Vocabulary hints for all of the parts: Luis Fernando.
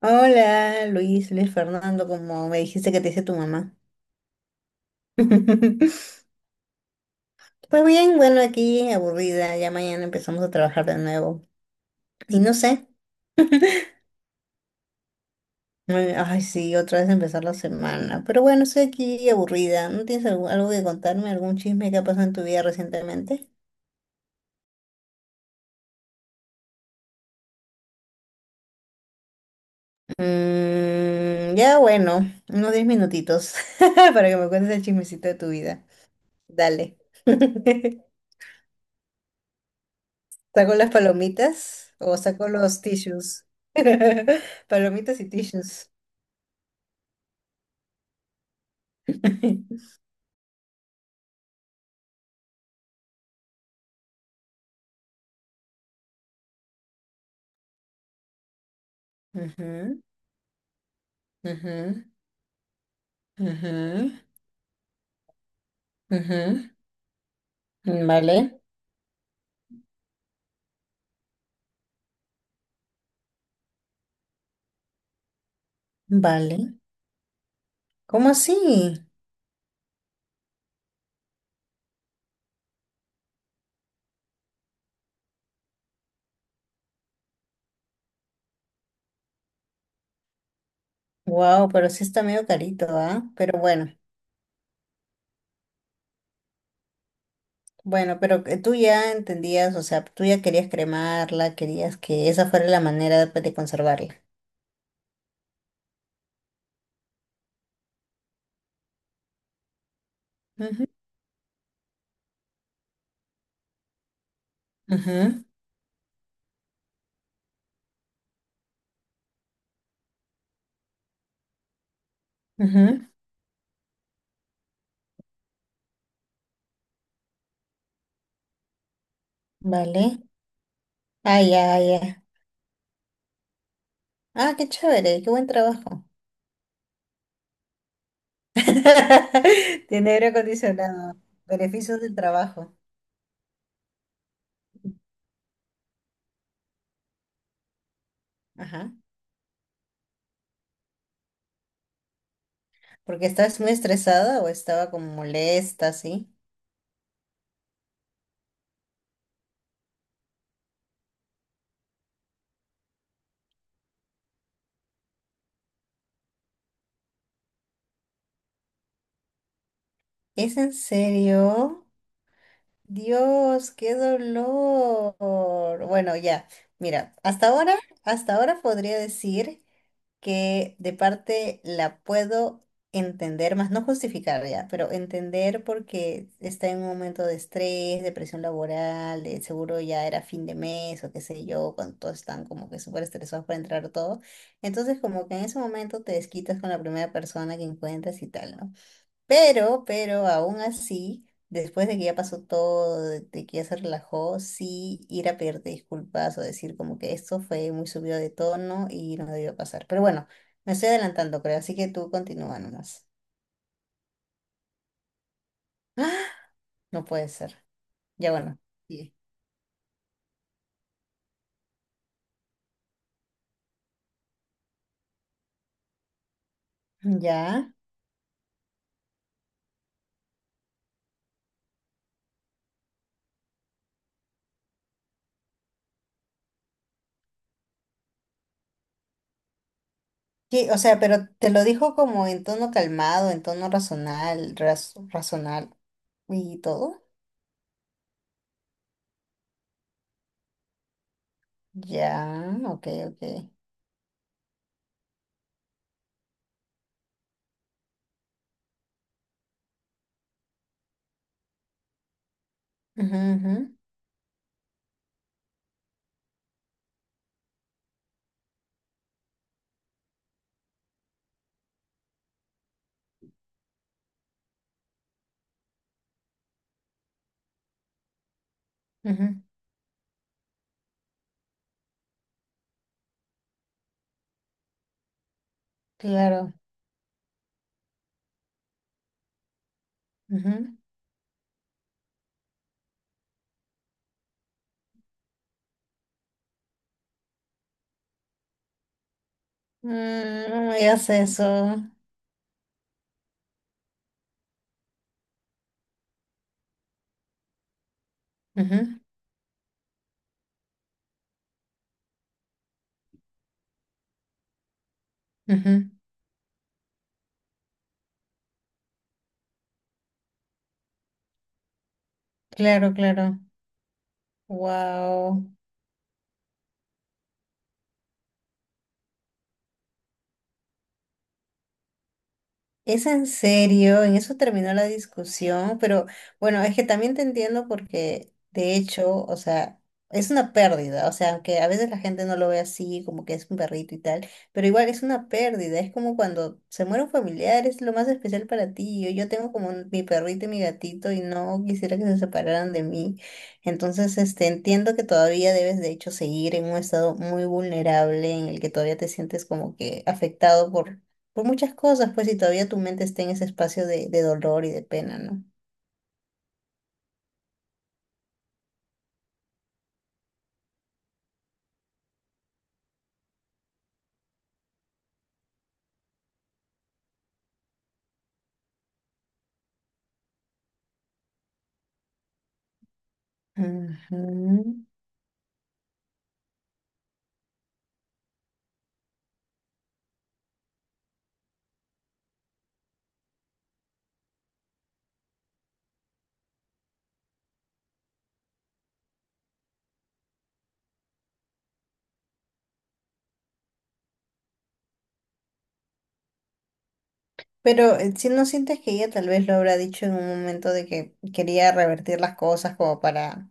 Hola, Luis, Luis Fernando, como me dijiste que te dice tu mamá. Pues bien, bueno, aquí aburrida, ya mañana empezamos a trabajar de nuevo. Y no sé, ay, ay, sí, otra vez empezar la semana. Pero bueno, estoy aquí aburrida. ¿No tienes algo que contarme, algún chisme que ha pasado en tu vida recientemente? Mm, ya bueno, unos 10 minutitos para que me cuentes el chismecito de tu vida. Dale. Saco las palomitas o saco los tissues. Palomitas y tissues. Ujú, ujú, ujú, ujú. Vale, vale. ¿Cómo así? Wow, pero sí está medio carito, ¿ah? Pero bueno, bueno, pero que tú ya entendías, o sea, tú ya querías cremarla, querías que esa fuera la manera de conservarla. Ujú, ujú, ujú. Vale. Ah, ya, ya. Ah, qué chévere, qué buen trabajo. Tiene aire acondicionado. Beneficios del trabajo. Ajá. ¿Porque estás muy estresada o estaba como molesta, sí? ¿Es en serio? Dios, qué dolor. Bueno, ya. Mira, hasta ahora podría decir que de parte la puedo entender, más no justificar ya, pero entender porque está en un momento de estrés, de presión laboral, de seguro ya era fin de mes o qué sé yo, cuando todos están como que súper estresados para entrar todo. Entonces como que en ese momento te desquitas con la primera persona que encuentras y tal, ¿no? Pero aún así, después de que ya pasó todo, de que ya se relajó, sí ir a pedirte disculpas o decir como que esto fue muy subido de tono y no debió pasar. Pero bueno, me estoy adelantando, creo, así que tú continúa nomás. ¡Ah! No puede ser. Ya bueno. Sí. Ya. Sí, o sea, pero te lo dijo como en tono calmado, en tono razonal, razonal y todo. Ya, ok, ok. Ujú, ujú, ujú. Claro. Ujú. Mm, no me digas eso. Ujú, ujú. Claro, claro. Wow. ¿Es en serio, en eso terminó la discusión? Pero bueno, es que también te entiendo porque de hecho, o sea, es una pérdida, o sea, aunque a veces la gente no lo ve así, como que es un perrito y tal, pero igual es una pérdida, es como cuando se muere un familiar, es lo más especial para ti, yo tengo como mi perrito y mi gatito y no quisiera que se separaran de mí, entonces, este, entiendo que todavía debes de hecho seguir en un estado muy vulnerable en el que todavía te sientes como que afectado por muchas cosas, pues si todavía tu mente está en ese espacio de dolor y de pena, ¿no? Ujú. Pero si no sientes que ella tal vez lo habrá dicho en un momento de que quería revertir las cosas como para,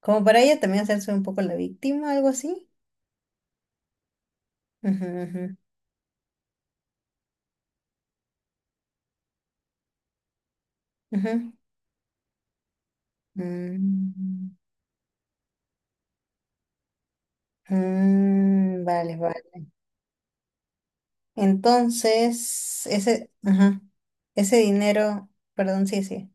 como para ella también hacerse un poco la víctima, algo así. Ujú, ujú, ujú. Mm, mm, vale, vale. Entonces, ese, ajá, ese dinero, perdón, sí, sí.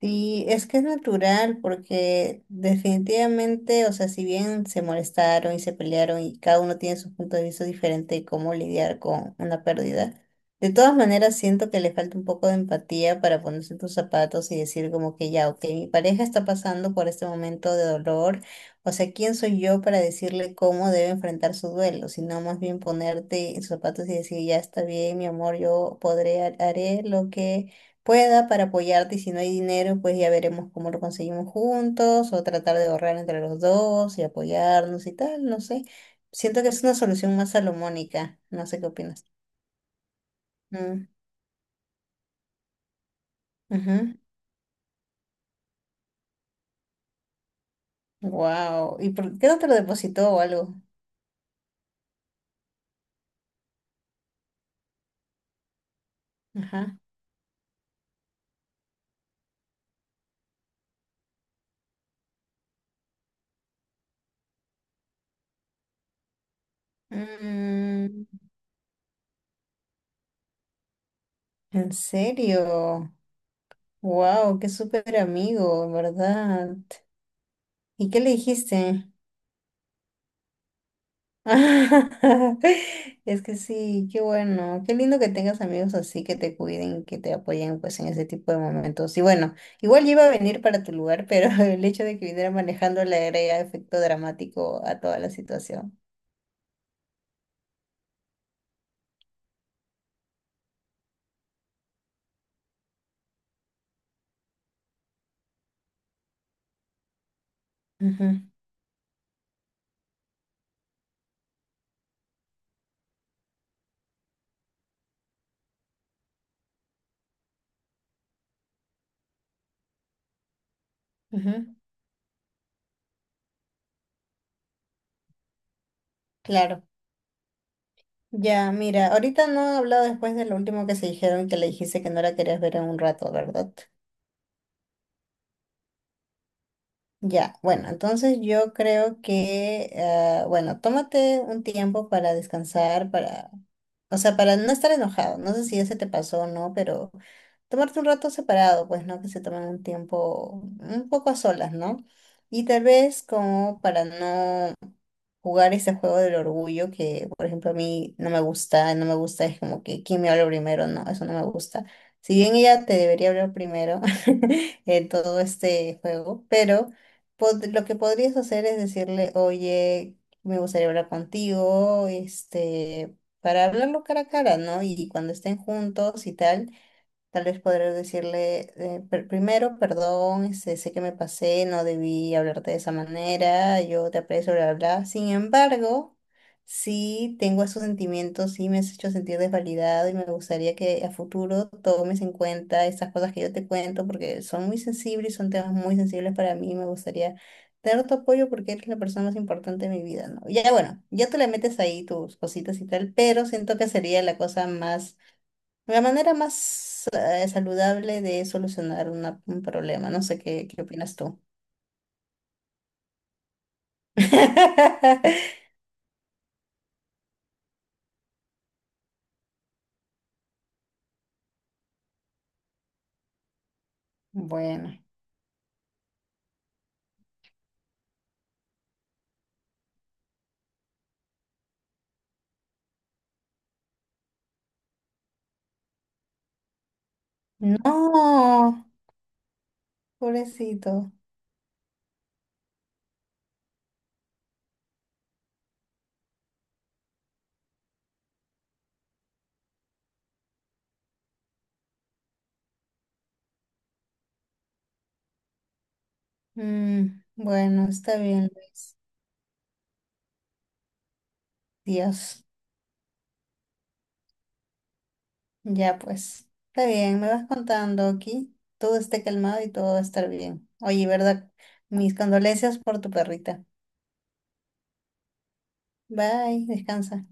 Y es que es natural porque definitivamente, o sea, si bien se molestaron y se pelearon y cada uno tiene su punto de vista diferente de cómo lidiar con una pérdida, de todas maneras siento que le falta un poco de empatía para ponerse en tus zapatos y decir como que ya, ok, mi pareja está pasando por este momento de dolor, o sea, ¿quién soy yo para decirle cómo debe enfrentar su duelo? Sino más bien ponerte en sus zapatos y decir, ya está bien, mi amor, yo podré, haré lo que pueda para apoyarte y si no hay dinero, pues ya veremos cómo lo conseguimos juntos o tratar de ahorrar entre los dos y apoyarnos y tal, no sé. Siento que es una solución más salomónica, no sé qué opinas. Mm, ujú. Wow. ¿Y por qué no te lo depositó o algo? Ajá. Mm, ¿en serio? Wow, qué súper amigo, en verdad. ¿Y qué le dijiste? Es que sí, qué bueno, qué lindo que tengas amigos así que te cuiden, que te apoyen pues en ese tipo de momentos. Y bueno, igual yo iba a venir para tu lugar, pero el hecho de que viniera manejando le agrega efecto dramático a toda la situación. Ujú, ujú. Claro. Ya, mira, ahorita no he hablado después de lo último que se dijeron, que le dijiste que no la querías ver en un rato, ¿verdad? Ya, bueno, entonces yo creo que, ah, bueno, tómate un tiempo para descansar, para, o sea, para no estar enojado. No sé si ya se te pasó o no, pero tomarte un rato separado, pues, ¿no? Que se tomen un tiempo un poco a solas, ¿no? Y tal vez como para no jugar ese juego del orgullo que, por ejemplo, a mí no me gusta, no me gusta, es como que quién me habla primero, no, eso no me gusta. Si bien ella te debería hablar primero en todo este juego, pero lo que podrías hacer es decirle, oye, me gustaría hablar contigo, este, para hablarlo cara a cara, ¿no? Y cuando estén juntos y tal. Tal vez podré decirle primero, perdón, este, sé que me pasé, no debí hablarte de esa manera, yo te aprecio, bla, bla. Bla". Sin embargo, sí tengo esos sentimientos, sí me has hecho sentir desvalidado y me gustaría que a futuro tomes en cuenta estas cosas que yo te cuento porque son muy sensibles y son temas muy sensibles para mí. Me gustaría tener tu apoyo porque eres la persona más importante de mi vida, ¿no? Ya bueno, ya te le metes ahí tus cositas y tal, pero siento que sería la cosa más la manera más saludable de solucionar un problema. No sé qué, qué opinas tú. Bueno. No, pobrecito. Mm, bueno, está bien, Luis. Dios. Ya pues. Está bien, me vas contando aquí. Todo esté calmado y todo va a estar bien. Oye, ¿verdad? Mis condolencias por tu perrita. Bye, descansa.